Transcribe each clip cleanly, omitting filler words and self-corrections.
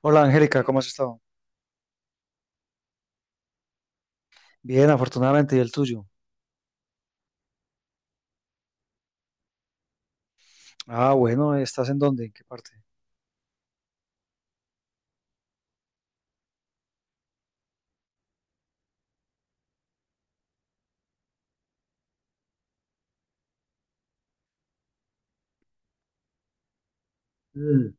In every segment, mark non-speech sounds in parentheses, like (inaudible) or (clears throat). Hola Angélica, ¿cómo has estado? Bien, afortunadamente, ¿y el tuyo? Ah, bueno, ¿estás en dónde? ¿En qué parte? Mm.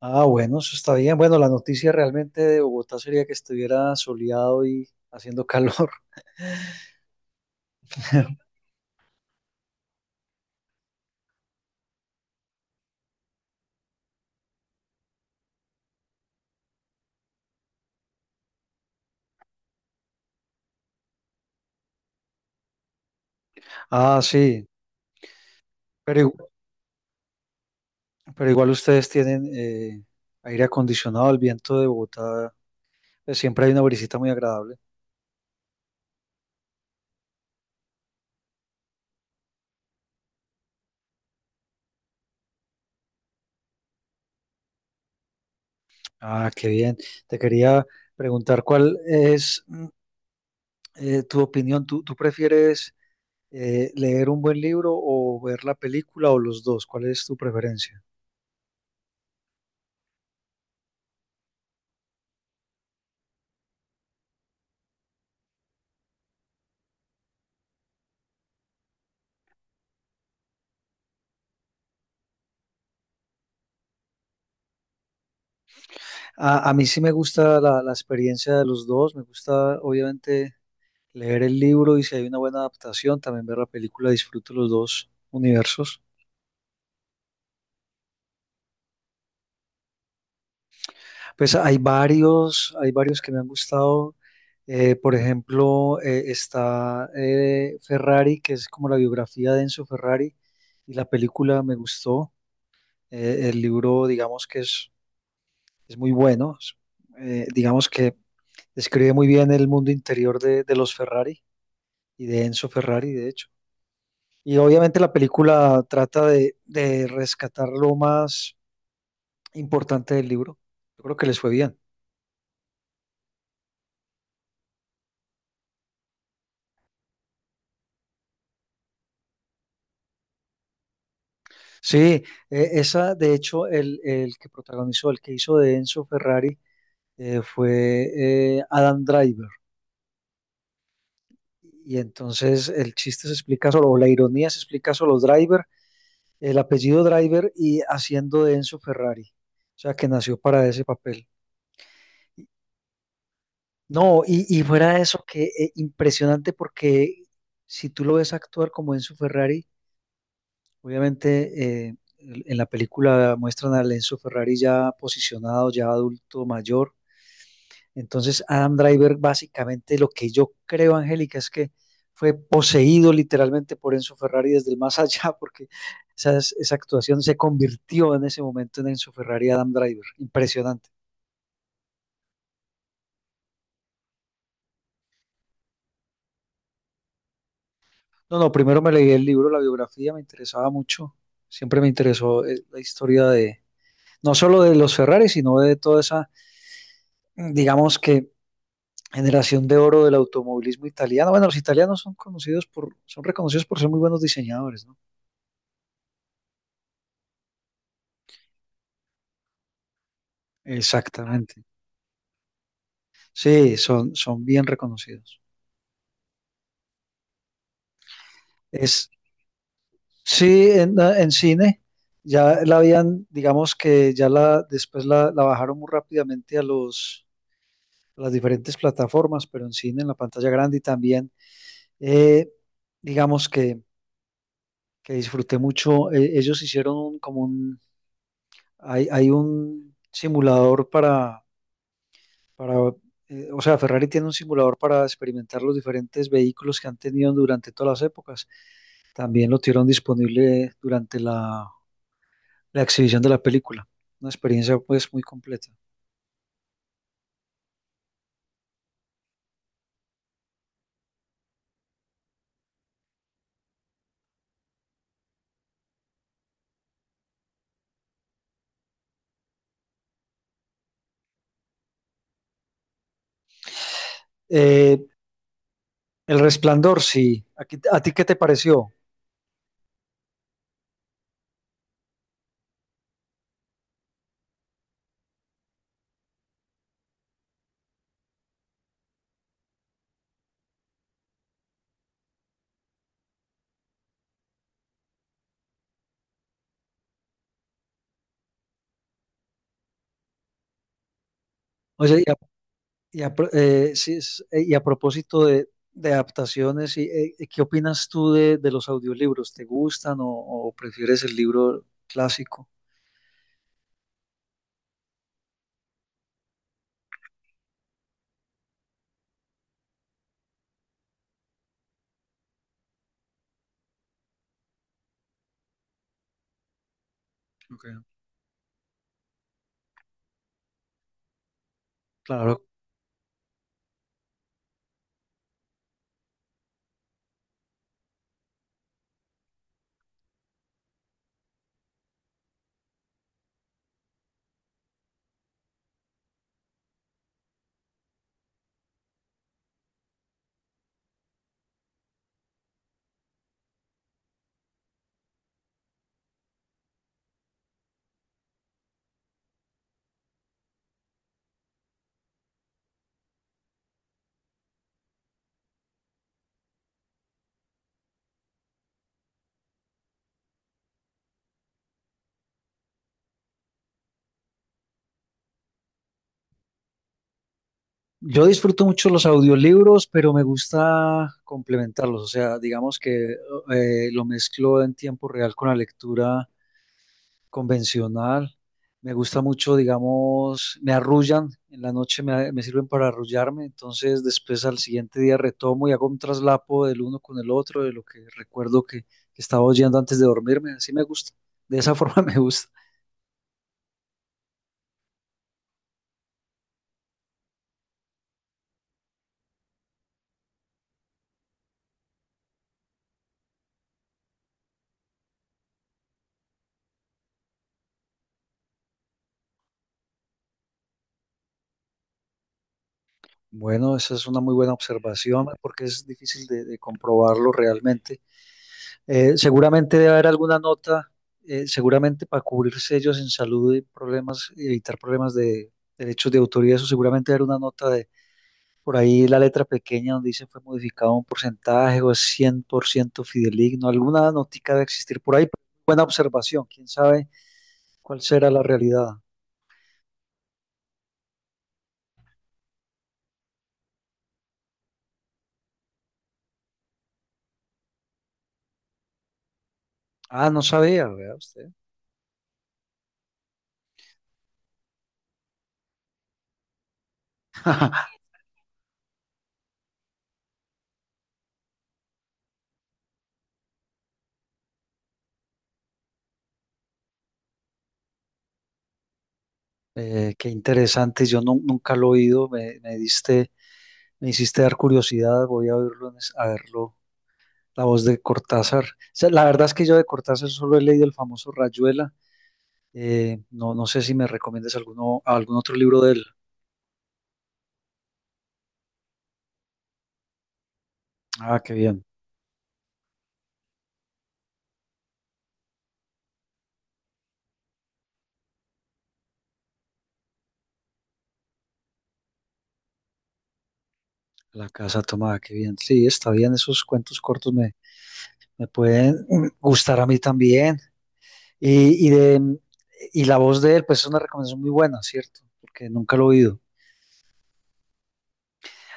Ah, bueno, eso está bien. Bueno, la noticia realmente de Bogotá sería que estuviera soleado y haciendo calor. (laughs) Ah, sí, pero, igu- pero igual ustedes tienen aire acondicionado, el viento de Bogotá, pues, siempre hay una brisita muy agradable. Ah, qué bien. Te quería preguntar cuál es tu opinión. ¿Tú prefieres... ¿Leer un buen libro o ver la película o los dos? ¿Cuál es tu preferencia? A mí sí me gusta la experiencia de los dos, me gusta obviamente leer el libro y si hay una buena adaptación, también ver la película, disfruto los dos universos. Pues hay varios que me han gustado. Por ejemplo, está Ferrari, que es como la biografía de Enzo Ferrari, y la película me gustó. El libro, digamos que es muy bueno. Es, digamos que describe muy bien el mundo interior de los Ferrari y de Enzo Ferrari, de hecho. Y obviamente la película trata de rescatar lo más importante del libro. Yo creo que les fue bien. Sí, esa, de hecho, el que protagonizó, el que hizo de Enzo Ferrari fue Adam Driver. Y entonces el chiste se explica solo, o la ironía se explica solo Driver, el apellido Driver y haciendo de Enzo Ferrari. O sea, que nació para ese papel. No, y fuera de eso, que impresionante porque si tú lo ves actuar como Enzo Ferrari, obviamente en la película muestran a Enzo Ferrari ya posicionado, ya adulto mayor. Entonces Adam Driver básicamente lo que yo creo, Angélica, es que fue poseído literalmente por Enzo Ferrari desde el más (laughs) allá, porque esa actuación se convirtió en ese momento en Enzo Ferrari Adam Driver. Impresionante. No, no, primero me leí el libro, la biografía, me interesaba mucho. Siempre me interesó la historia de, no solo de los Ferrari, sino de toda esa, digamos que, generación de oro del automovilismo italiano. Bueno, los italianos son conocidos por, son reconocidos por ser muy buenos diseñadores, ¿no? Exactamente. Sí, son, son bien reconocidos. Es, sí, en cine ya la habían, digamos que ya la, después la, la bajaron muy rápidamente a los, a las diferentes plataformas, pero en cine, en la pantalla grande y también Eh, digamos que disfruté mucho. Ellos hicieron como un, hay un simulador para o sea, Ferrari tiene un simulador para experimentar los diferentes vehículos que han tenido durante todas las épocas. También lo tuvieron disponible durante la, la exhibición de la película. Una experiencia pues muy completa. Eh, El Resplandor, sí. ¿A ti qué te pareció? Oye, y sí, y a propósito de adaptaciones, y, ¿qué opinas tú de los audiolibros? ¿Te gustan o prefieres el libro clásico? Ok. Claro, yo disfruto mucho los audiolibros, pero me gusta complementarlos, o sea, digamos que lo mezclo en tiempo real con la lectura convencional. Me gusta mucho, digamos, me arrullan, en la noche me, me sirven para arrullarme, entonces después al siguiente día retomo y hago un traslapo del uno con el otro, de lo que recuerdo que estaba oyendo antes de dormirme, así me gusta, de esa (laughs) forma me gusta. Bueno, esa es una muy buena observación porque es difícil de comprobarlo realmente. Seguramente debe haber alguna nota, seguramente para cubrirse ellos en salud y problemas, y evitar problemas de derechos de autoría, eso seguramente debe haber una nota de por ahí la letra pequeña donde dice fue modificado un porcentaje o es 100% fidedigno. Alguna notica debe existir por ahí. Pero buena observación. ¿Quién sabe cuál será la realidad? Ah, no sabía, vea usted. (laughs) Qué interesante. Yo nunca lo he oído. Me diste, me hiciste dar curiosidad. Voy a oírlo, a verlo. La voz de Cortázar. O sea, la verdad es que yo de Cortázar solo he leído el famoso Rayuela. No, no sé si me recomiendas alguno, algún otro libro de él. Ah, qué bien. La casa tomada, qué bien. Sí, está bien, esos cuentos cortos me, me pueden (clears throat) gustar a mí también. Y, de, y la voz de él, pues es una recomendación muy buena, ¿cierto? Porque nunca lo he oído.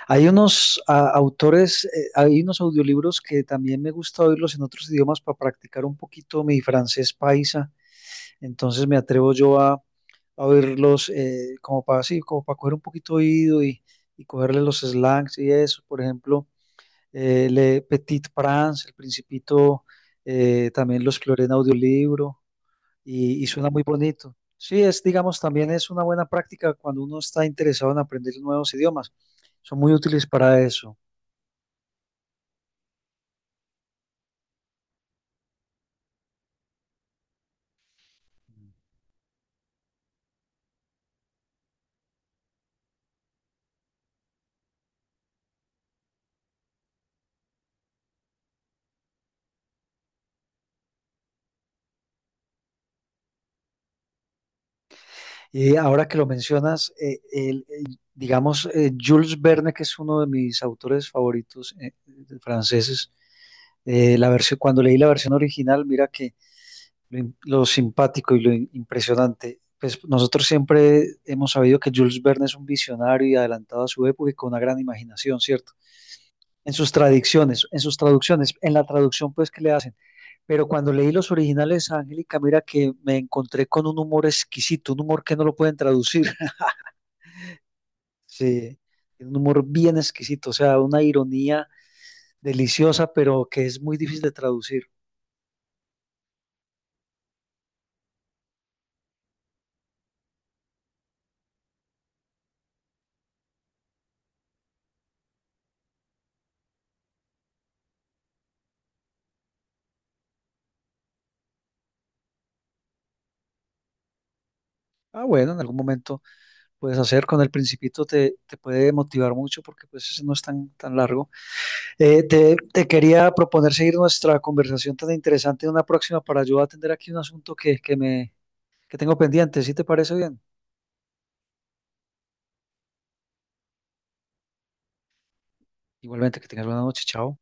Hay unos ah, autores, hay unos audiolibros que también me gusta oírlos en otros idiomas para practicar un poquito mi francés paisa. Entonces me atrevo yo a oírlos como para así, como para coger un poquito oído y cogerle los slangs y eso. Por ejemplo, Le Petit Prince, El Principito, también los exploré en audiolibro y suena muy bonito. Sí, es, digamos, también es una buena práctica cuando uno está interesado en aprender nuevos idiomas. Son muy útiles para eso. Y ahora que lo mencionas, digamos, Jules Verne, que es uno de mis autores favoritos franceses, la versión, cuando leí la versión original, mira que lo, lo simpático y lo impresionante. Pues nosotros siempre hemos sabido que Jules Verne es un visionario y adelantado a su época y con una gran imaginación, ¿cierto? En sus tradiciones, en sus traducciones, en la traducción pues que le hacen. Pero cuando leí los originales, Angélica, mira que me encontré con un humor exquisito, un humor que no lo pueden traducir. (laughs) Sí, un humor bien exquisito, o sea, una ironía deliciosa, pero que es muy difícil de traducir. Ah, bueno, en algún momento puedes hacer. Con el Principito te, te puede motivar mucho porque pues ese no es tan, tan largo. Te, te quería proponer seguir nuestra conversación tan interesante en una próxima para yo atender aquí un asunto que me, que tengo pendiente. ¿Sí te parece bien? Igualmente, que tengas buena noche. Chao.